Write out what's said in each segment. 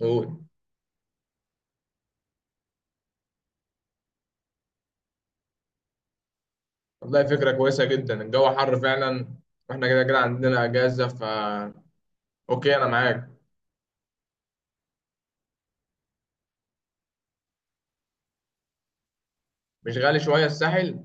قول. والله فكرة كويسة جدا، الجو حر فعلا. واحنا كده كده عندنا اجازة اوكي انا معاك. مش غالي شوية الساحل؟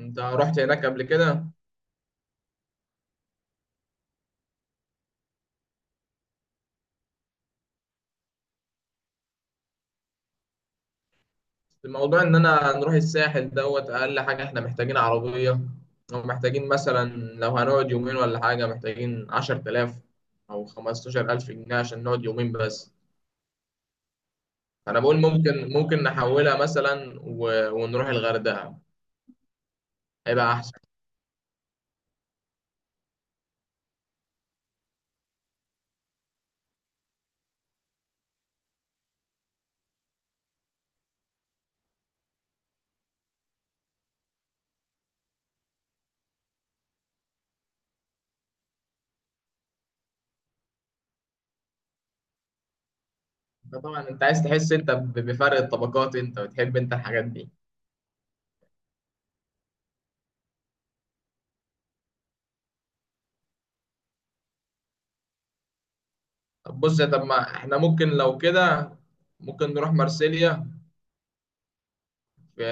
انت رحت هناك قبل كده؟ الموضوع ان انا نروح الساحل دوت اقل حاجة احنا محتاجين عربية، او محتاجين مثلا لو هنقعد يومين ولا حاجة محتاجين 10 تلاف او 15 الف جنيه عشان نقعد يومين بس. انا بقول ممكن نحولها مثلا ونروح الغردقة، هيبقى احسن. طبعا انت عايز تحس انت بفرق الطبقات انت، وتحب انت الحاجات دي. طب بص طب ما احنا ممكن لو كده ممكن نروح مارسيليا، في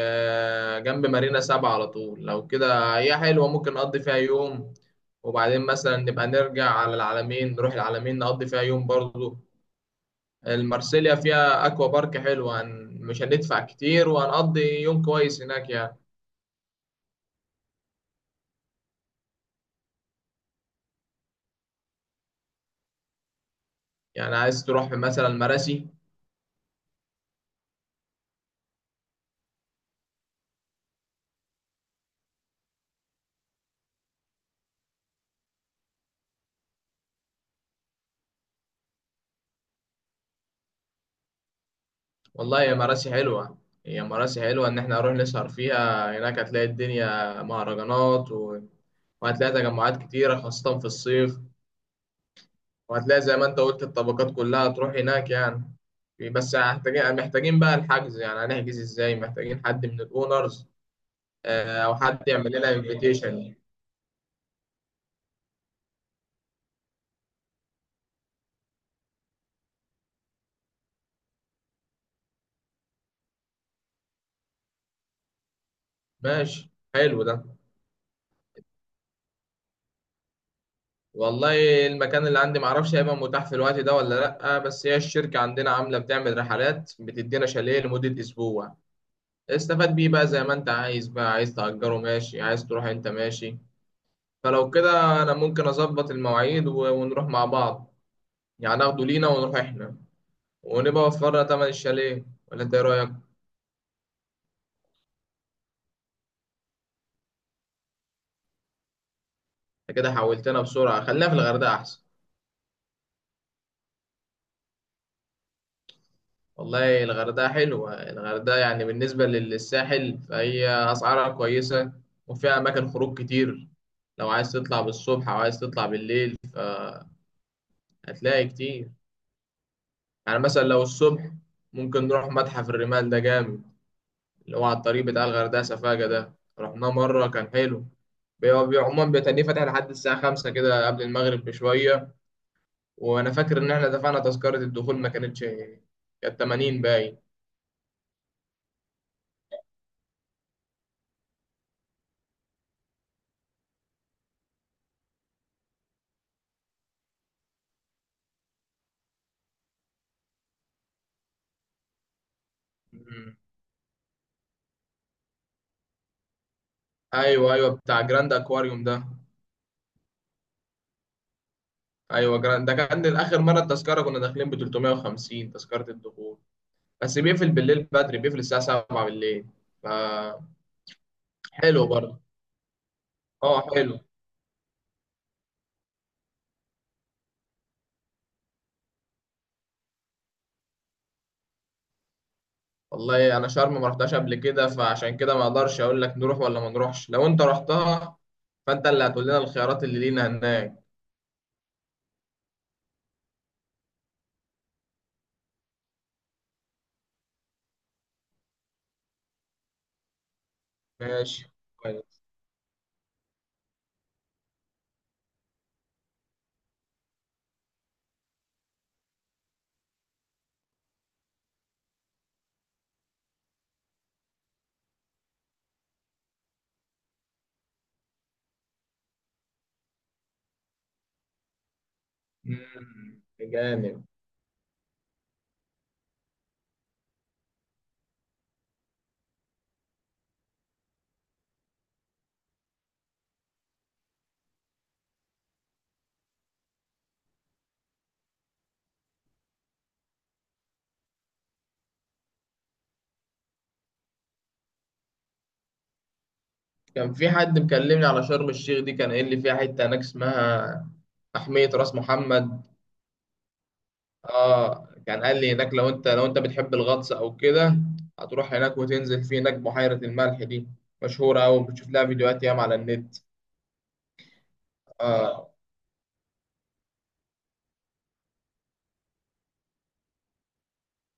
جنب مارينا 7 على طول. لو كده هي حلوة، ممكن نقضي فيها يوم، وبعدين مثلا نبقى نرجع على العلمين، نروح العلمين نقضي فيها يوم برضو. المارسيليا فيها اكوا بارك حلوة، مش هندفع كتير وهنقضي يوم كويس هناك يعني. يعني عايز تروح مثلا مراسي. والله يا مراسي حلوة. هي مراسي حلوة، إن إحنا هنروح نسهر فيها هناك، هتلاقي الدنيا مهرجانات وهتلاقي تجمعات كتيرة خاصة في الصيف، وهتلاقي زي ما أنت قلت الطبقات كلها تروح هناك يعني. بس محتاجين بقى الحجز، يعني هنحجز إزاي؟ محتاجين حد من الأونرز، آه، أو حد يعمل لنا انفيتيشن. ماشي، حلو ده. والله المكان اللي عندي معرفش هيبقى متاح في الوقت ده ولا لأ، بس هي الشركة عندنا عاملة، بتعمل رحلات بتدينا شاليه لمدة أسبوع. استفاد بيه بقى زي ما انت عايز، بقى عايز تأجره ماشي، عايز تروح انت ماشي. فلو كده انا ممكن اظبط المواعيد ونروح مع بعض، يعني ناخده لينا ونروح احنا، ونبقى وفرنا تمن الشاليه. ولا انت ايه رأيك؟ انت كده حولتنا بسرعة، خلينا في الغردقة احسن. والله الغردقة حلوة. الغردقة يعني بالنسبة للساحل فهي أسعارها كويسة، وفيها أماكن خروج كتير. لو عايز تطلع بالصبح أو عايز تطلع بالليل هتلاقي كتير. يعني مثلا لو الصبح، ممكن نروح متحف الرمال ده جامد، اللي هو على الطريق بتاع الغردقة سفاجة، ده رحناه مرة كان حلو. بيبقى عموما بيتهيألي فاتح لحد الساعة 5 كده قبل المغرب بشوية. وأنا فاكر إن إحنا دفعنا تذكرة الدخول ما كانتش، كانت 80 باين. مم. أيوه أيوه، بتاع جراند أكواريوم ده. أيوه جراند ده، كان آخر مرة التذكرة كنا داخلين ب 350، تذكرة الدخول. بس بيقفل بالليل بدري، بيقفل الساعة 7 بالليل. فحلو برضه. أه حلو. والله انا شرم ما رحتهاش قبل كده، فعشان كده ما اقدرش اقول لك نروح ولا ما نروحش. لو انت رحتها، فانت اللي هتقول لنا الخيارات اللي لينا هناك. ماشي، كويس. مم، جامد. كان في حد مكلمني على شرم الشيخ دي، كان قايل لي فيها حته هناك اسمها محمية راس محمد. اه كان قال لي هناك لو انت، لو انت بتحب الغطس او كده، هتروح هناك وتنزل في هناك بحيرة الملح دي، مشهورة أوي، بتشوف لها فيديوهات ياما على النت. اه.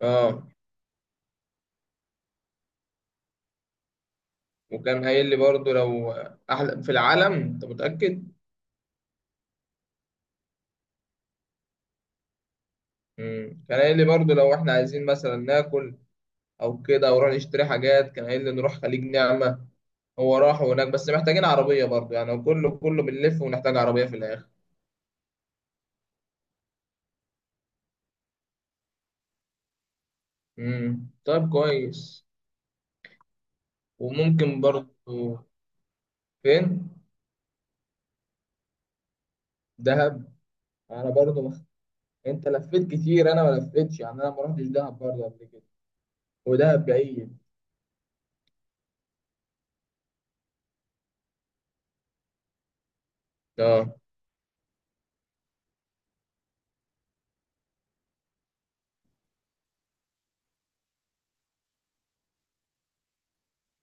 اه وكان قايل لي برضو لو، أحلى في العالم أنت متأكد؟ مم. كان قايل لي برضو لو إحنا عايزين مثلا ناكل أو كده، أو نروح نشتري حاجات، كان قايل لي نروح خليج نعمة. هو راح هناك، بس محتاجين عربية برضو، يعني هو كله كله بنلف ونحتاج عربية في الآخر. مم. طيب كويس. وممكن برضو. فين؟ دهب. أنا برضو أنت لفيت كتير، أنا ما لفيتش، يعني أنا ما رحتش دهب برضو قبل كده، ودهب بعيد. اه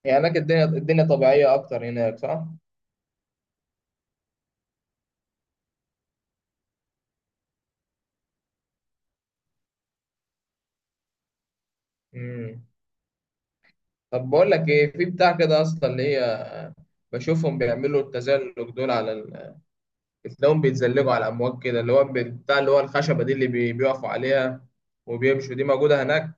يعني هناك الدنيا طبيعية أكتر هناك صح؟ مم. طب بقول لك ايه، في بتاع كده اصلا اللي هي، بشوفهم بيعملوا التزلج دول على بتلاقيهم بيتزلجوا على امواج كده، اللي هو بتاع اللي هو الخشبه دي، اللي بيقفوا عليها وبيمشوا. دي موجوده هناك؟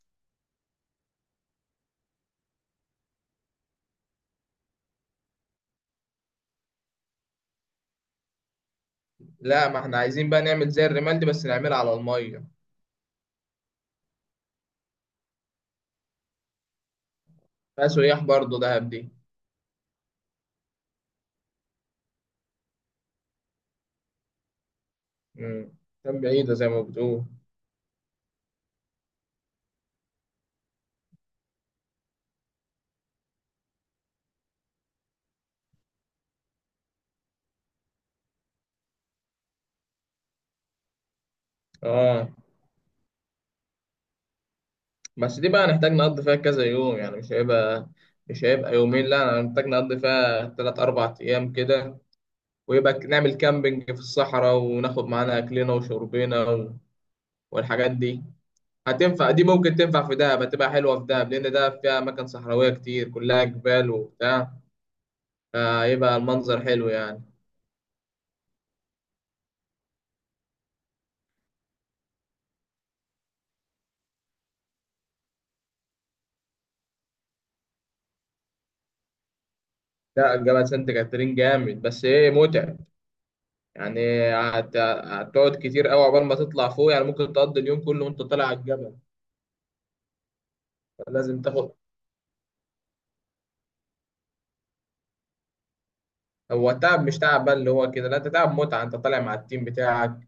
لا ما احنا عايزين بقى نعمل زي الرمال دي، بس نعملها على الميه. فيها سياح برضه دهب دي؟ امم، كان بعيده زي ما بتقول. اه بس دي بقى هنحتاج نقضي فيها كذا يوم، يعني مش هيبقى، مش هيبقى يومين، لا هنحتاج نقضي فيها تلات أربع أيام كده، ويبقى نعمل كامبينج في الصحراء، وناخد معانا أكلنا وشربنا والحاجات دي. هتنفع دي، ممكن تنفع في دهب، هتبقى حلوة في دهب، لأن دهب فيها أماكن صحراوية كتير، كلها جبال وبتاع، فيبقى المنظر حلو يعني. لا جبل سانت كاترين جامد، بس إيه متعب. يعني هتقعد كتير أوي عقبال ما تطلع فوق، يعني ممكن تقضي اليوم كله وأنت طالع على الجبل. لازم تاخد. هو تعب مش تعب بقى اللي هو كده، لا انت تعب متعة، انت طالع مع التيم بتاعك.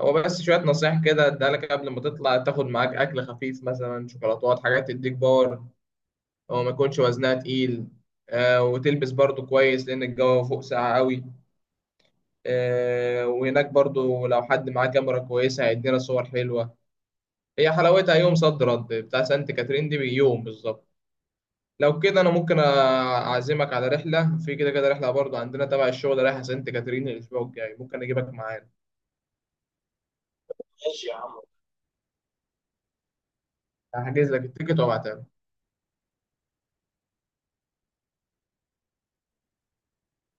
هو بس شوية نصايح كده اديها لك قبل ما تطلع، تاخد معاك أكل خفيف مثلا شوكولاتات، حاجات تديك باور، أو ما يكونش وزنها تقيل. آه، وتلبس برضو كويس لأن الجو فوق ساقع قوي. آه، وهناك برضو لو حد معاه كاميرا كويسة هيدينا صور حلوة. هي حلاوتها يوم صد رد بتاع سانت كاترين دي بيوم بالظبط. لو كده أنا ممكن أعزمك على رحلة، في كده كده رحلة برضو عندنا تبع الشغل رايحة سانت كاترين الأسبوع الجاي، ممكن أجيبك معانا. ماشي يا عم. هحجز لك التيكت وأبعتها لك.